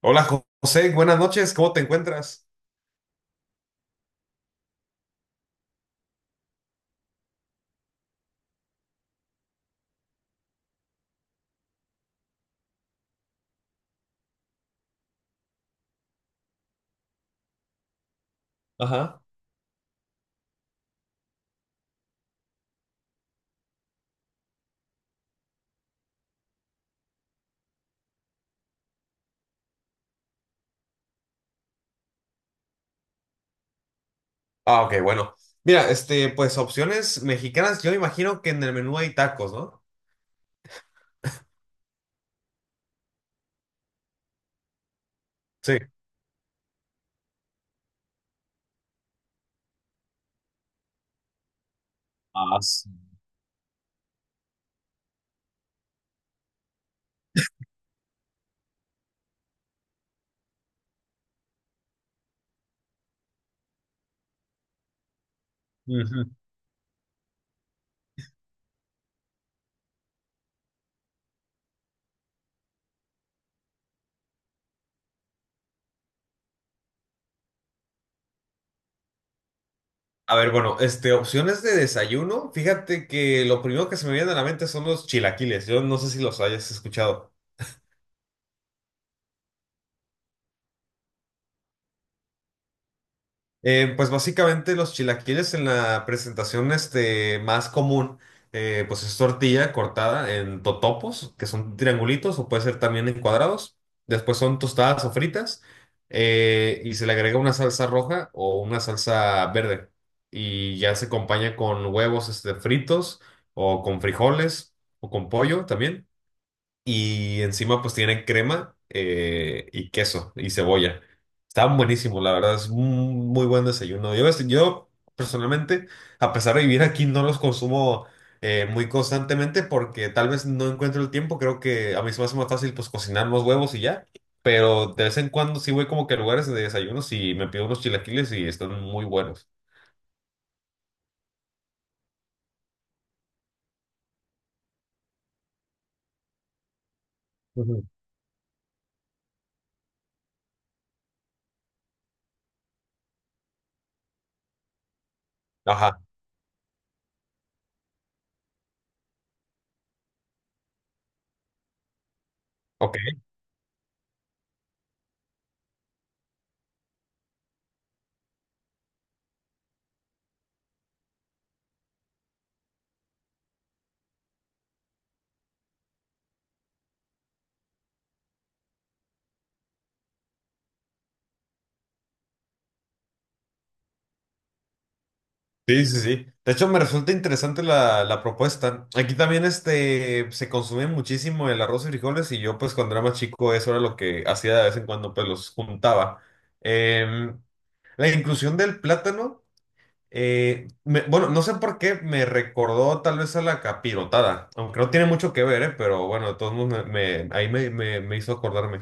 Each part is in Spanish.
Hola José, buenas noches, ¿cómo te encuentras? Ajá. Ah, ok, bueno. Mira, pues opciones mexicanas, yo imagino que en el menú hay tacos, ¿no? Sí. Ah, sí. Ujú. A ver, bueno, opciones de desayuno, fíjate que lo primero que se me viene a la mente son los chilaquiles, yo no sé si los hayas escuchado. Pues básicamente los chilaquiles en la presentación más común, pues es tortilla cortada en totopos, que son triangulitos o puede ser también en cuadrados. Después son tostadas o fritas y se le agrega una salsa roja o una salsa verde. Y ya se acompaña con huevos fritos o con frijoles o con pollo también. Y encima pues tiene crema y queso y cebolla. Estaban buenísimos, la verdad, es un muy buen desayuno. Yo, yo personalmente, a pesar de vivir aquí, no los consumo muy constantemente porque tal vez no encuentro el tiempo. Creo que a mí se me hace más fácil pues cocinar los huevos y ya. Pero de vez en cuando sí voy como que a lugares de desayunos y me pido unos chilaquiles y están muy buenos. Ujú. Ajá, ok. Sí, sí, sí. De hecho, me resulta interesante la propuesta. Aquí también se consume muchísimo el arroz y frijoles y yo pues cuando era más chico eso era lo que hacía de vez en cuando, pues los juntaba. Em, la inclusión del plátano, bueno, no sé por qué me recordó tal vez a la capirotada, aunque no tiene mucho que ver, pero bueno, de todos modos ahí me hizo acordarme.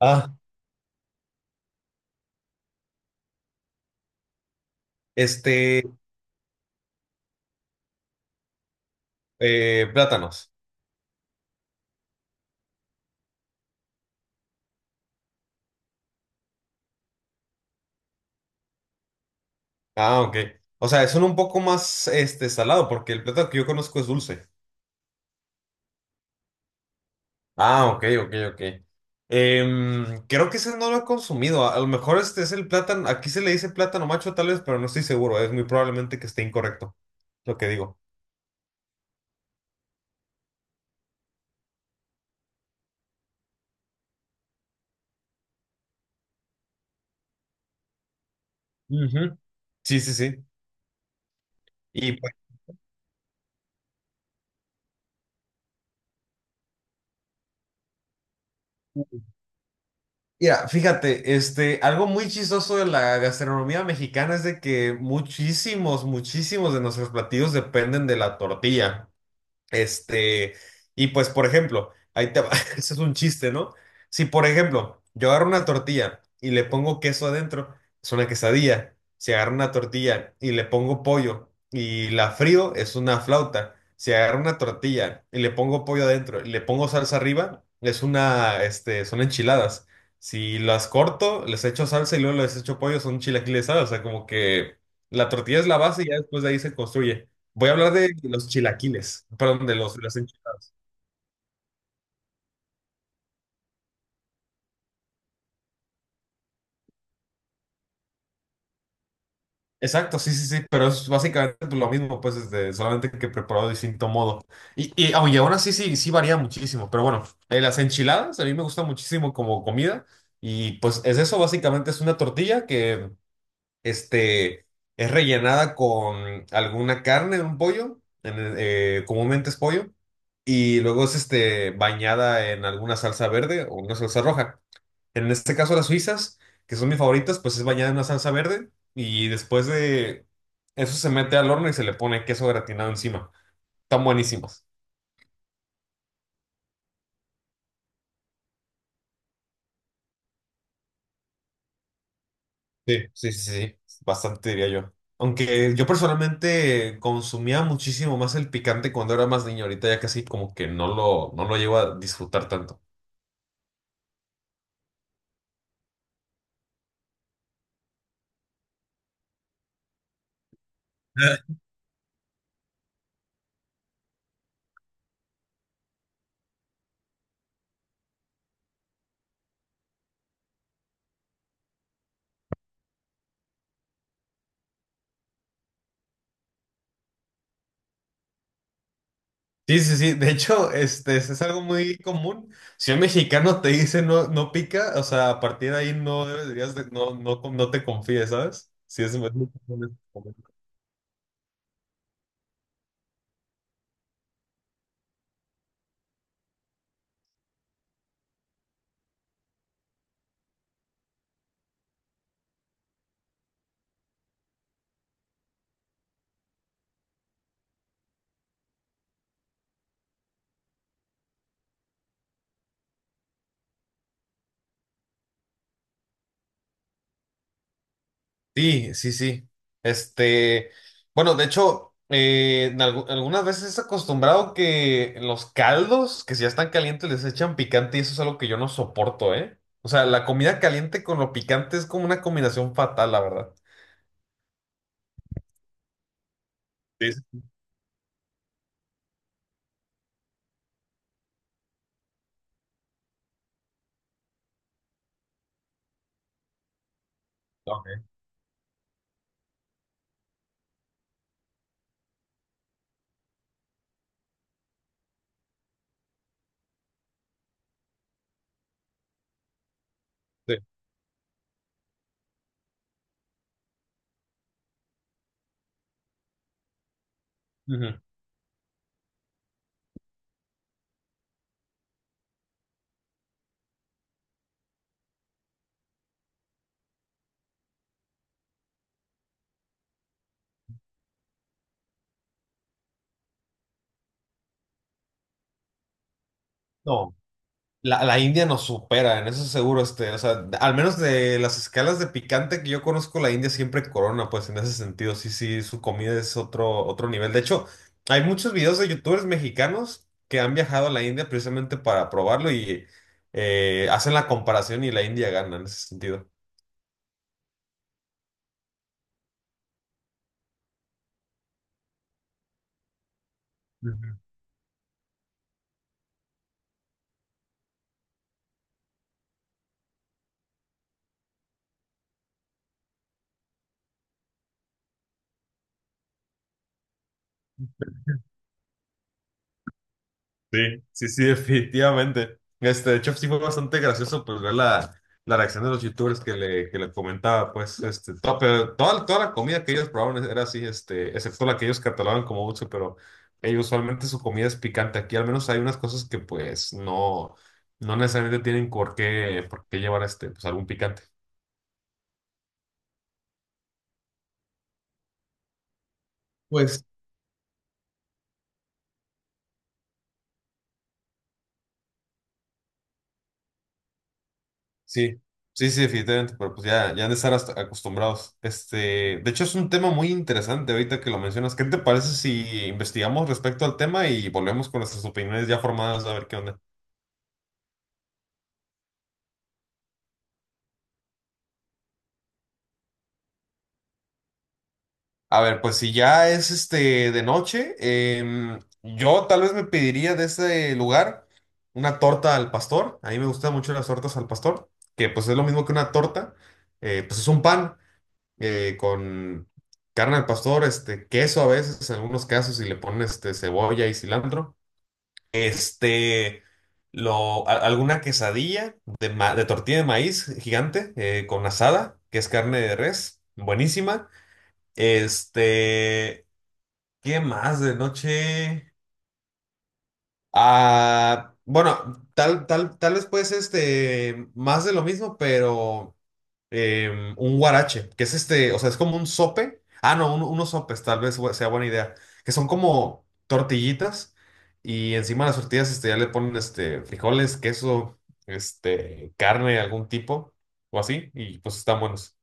Ah. Este, plátanos. Ah, ok. O sea, son un poco más este salado, porque el plátano que yo conozco es dulce. Ah, ok, ok, ok. Creo que ese no lo he consumido. A lo mejor este es el plátano. Aquí se le dice plátano macho, tal vez, pero no estoy seguro. Es muy probablemente que esté incorrecto lo que digo. Ujú. Sí, sí, sí. Y pues, mira, fíjate, algo muy chistoso de la gastronomía mexicana es de que muchísimos de nuestros platillos dependen de la tortilla. Este, y pues, por ejemplo, ahí te va, ese es un chiste, ¿no? Si, por ejemplo, yo agarro una tortilla y le pongo queso adentro, es una quesadilla. Si agarro una tortilla y le pongo pollo y la frío, es una flauta. Si agarro una tortilla y le pongo pollo adentro y le pongo salsa arriba, es una, son enchiladas. Si las corto, les echo salsa y luego les echo pollo, son chilaquiles, ¿sabes? O sea, como que la tortilla es la base y ya después de ahí se construye. Voy a hablar de los chilaquiles, perdón, de las enchiladas. Exacto, sí, sí, sí, pero es básicamente pues, lo mismo, pues, solamente que preparado de distinto modo. Y aunque aún así sí, sí varía muchísimo, pero bueno, las enchiladas a mí me gustan muchísimo como comida y pues es eso, básicamente es una tortilla que este, es rellenada con alguna carne, un pollo, comúnmente es pollo, y luego es bañada en alguna salsa verde o una salsa roja. En este caso, las suizas, que son mis favoritas, pues es bañada en una salsa verde y después de eso se mete al horno y se le pone queso gratinado encima. Están buenísimas. Sí, sí, sí, sí, bastante diría yo. Aunque yo personalmente consumía muchísimo más el picante cuando era más niño, ahorita ya casi como que no lo llevo a disfrutar tanto. Sí, sí, sí. De hecho, es algo muy común. Si un mexicano te dice no, no pica, o sea, a partir de ahí no, no, no te confíes, ¿sabes? Sí, es muy común este Sí, sí, sí. Este, bueno, de hecho, algunas veces es acostumbrado que en los caldos, que si ya están calientes, les echan picante y eso es algo que yo no soporto, ¿eh? O sea, la comida caliente con lo picante es como una combinación fatal, la verdad. Sí, sí. Ok, sí. Ujú. No. La India nos supera, en eso seguro, o sea, al menos de las escalas de picante que yo conozco, la India siempre corona, pues en ese sentido, sí, sí, su comida es otro, otro nivel. De hecho, hay muchos videos de youtubers mexicanos que han viajado a la India precisamente para probarlo y hacen la comparación y la India gana en ese sentido. Ujú. Sí, sí, sí, definitivamente. De hecho, sí fue bastante gracioso pues ver la reacción de los youtubers que le comentaba, pues, pero toda la comida que ellos probaron era así, excepto la que ellos catalogan como dulce, pero ellos usualmente su comida es picante. Aquí al menos hay unas cosas que no necesariamente tienen por qué llevar pues algún picante. Pues sí, sí, sí, definitivamente, pero pues ya han de estar acostumbrados. De hecho, es un tema muy interesante ahorita que lo mencionas. ¿Qué te parece si investigamos respecto al tema y volvemos con nuestras opiniones ya formadas a ver qué onda? A ver, pues si ya es este de noche, yo tal vez me pediría de ese lugar una torta al pastor. A mí me gustan mucho las tortas al pastor, que pues es lo mismo que una torta, pues es un pan. Con carne al pastor, queso a veces, en algunos casos, y le ponen cebolla y cilantro. Este, Alguna quesadilla de tortilla de maíz gigante con asada, que es carne de res, buenísima. Este, ¿Qué más de noche? Ah, bueno, tal vez pues más de lo mismo, pero eh, un guarache, que es o sea, es como un sope. Ah, no, unos sopes, sea buena idea. Que son como tortillitas y encima de las tortillas ya le ponen frijoles, queso, carne de algún tipo o así, y pues están buenos.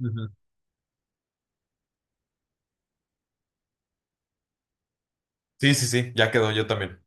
Ujú. Sí, sí, sí, ya quedó yo también.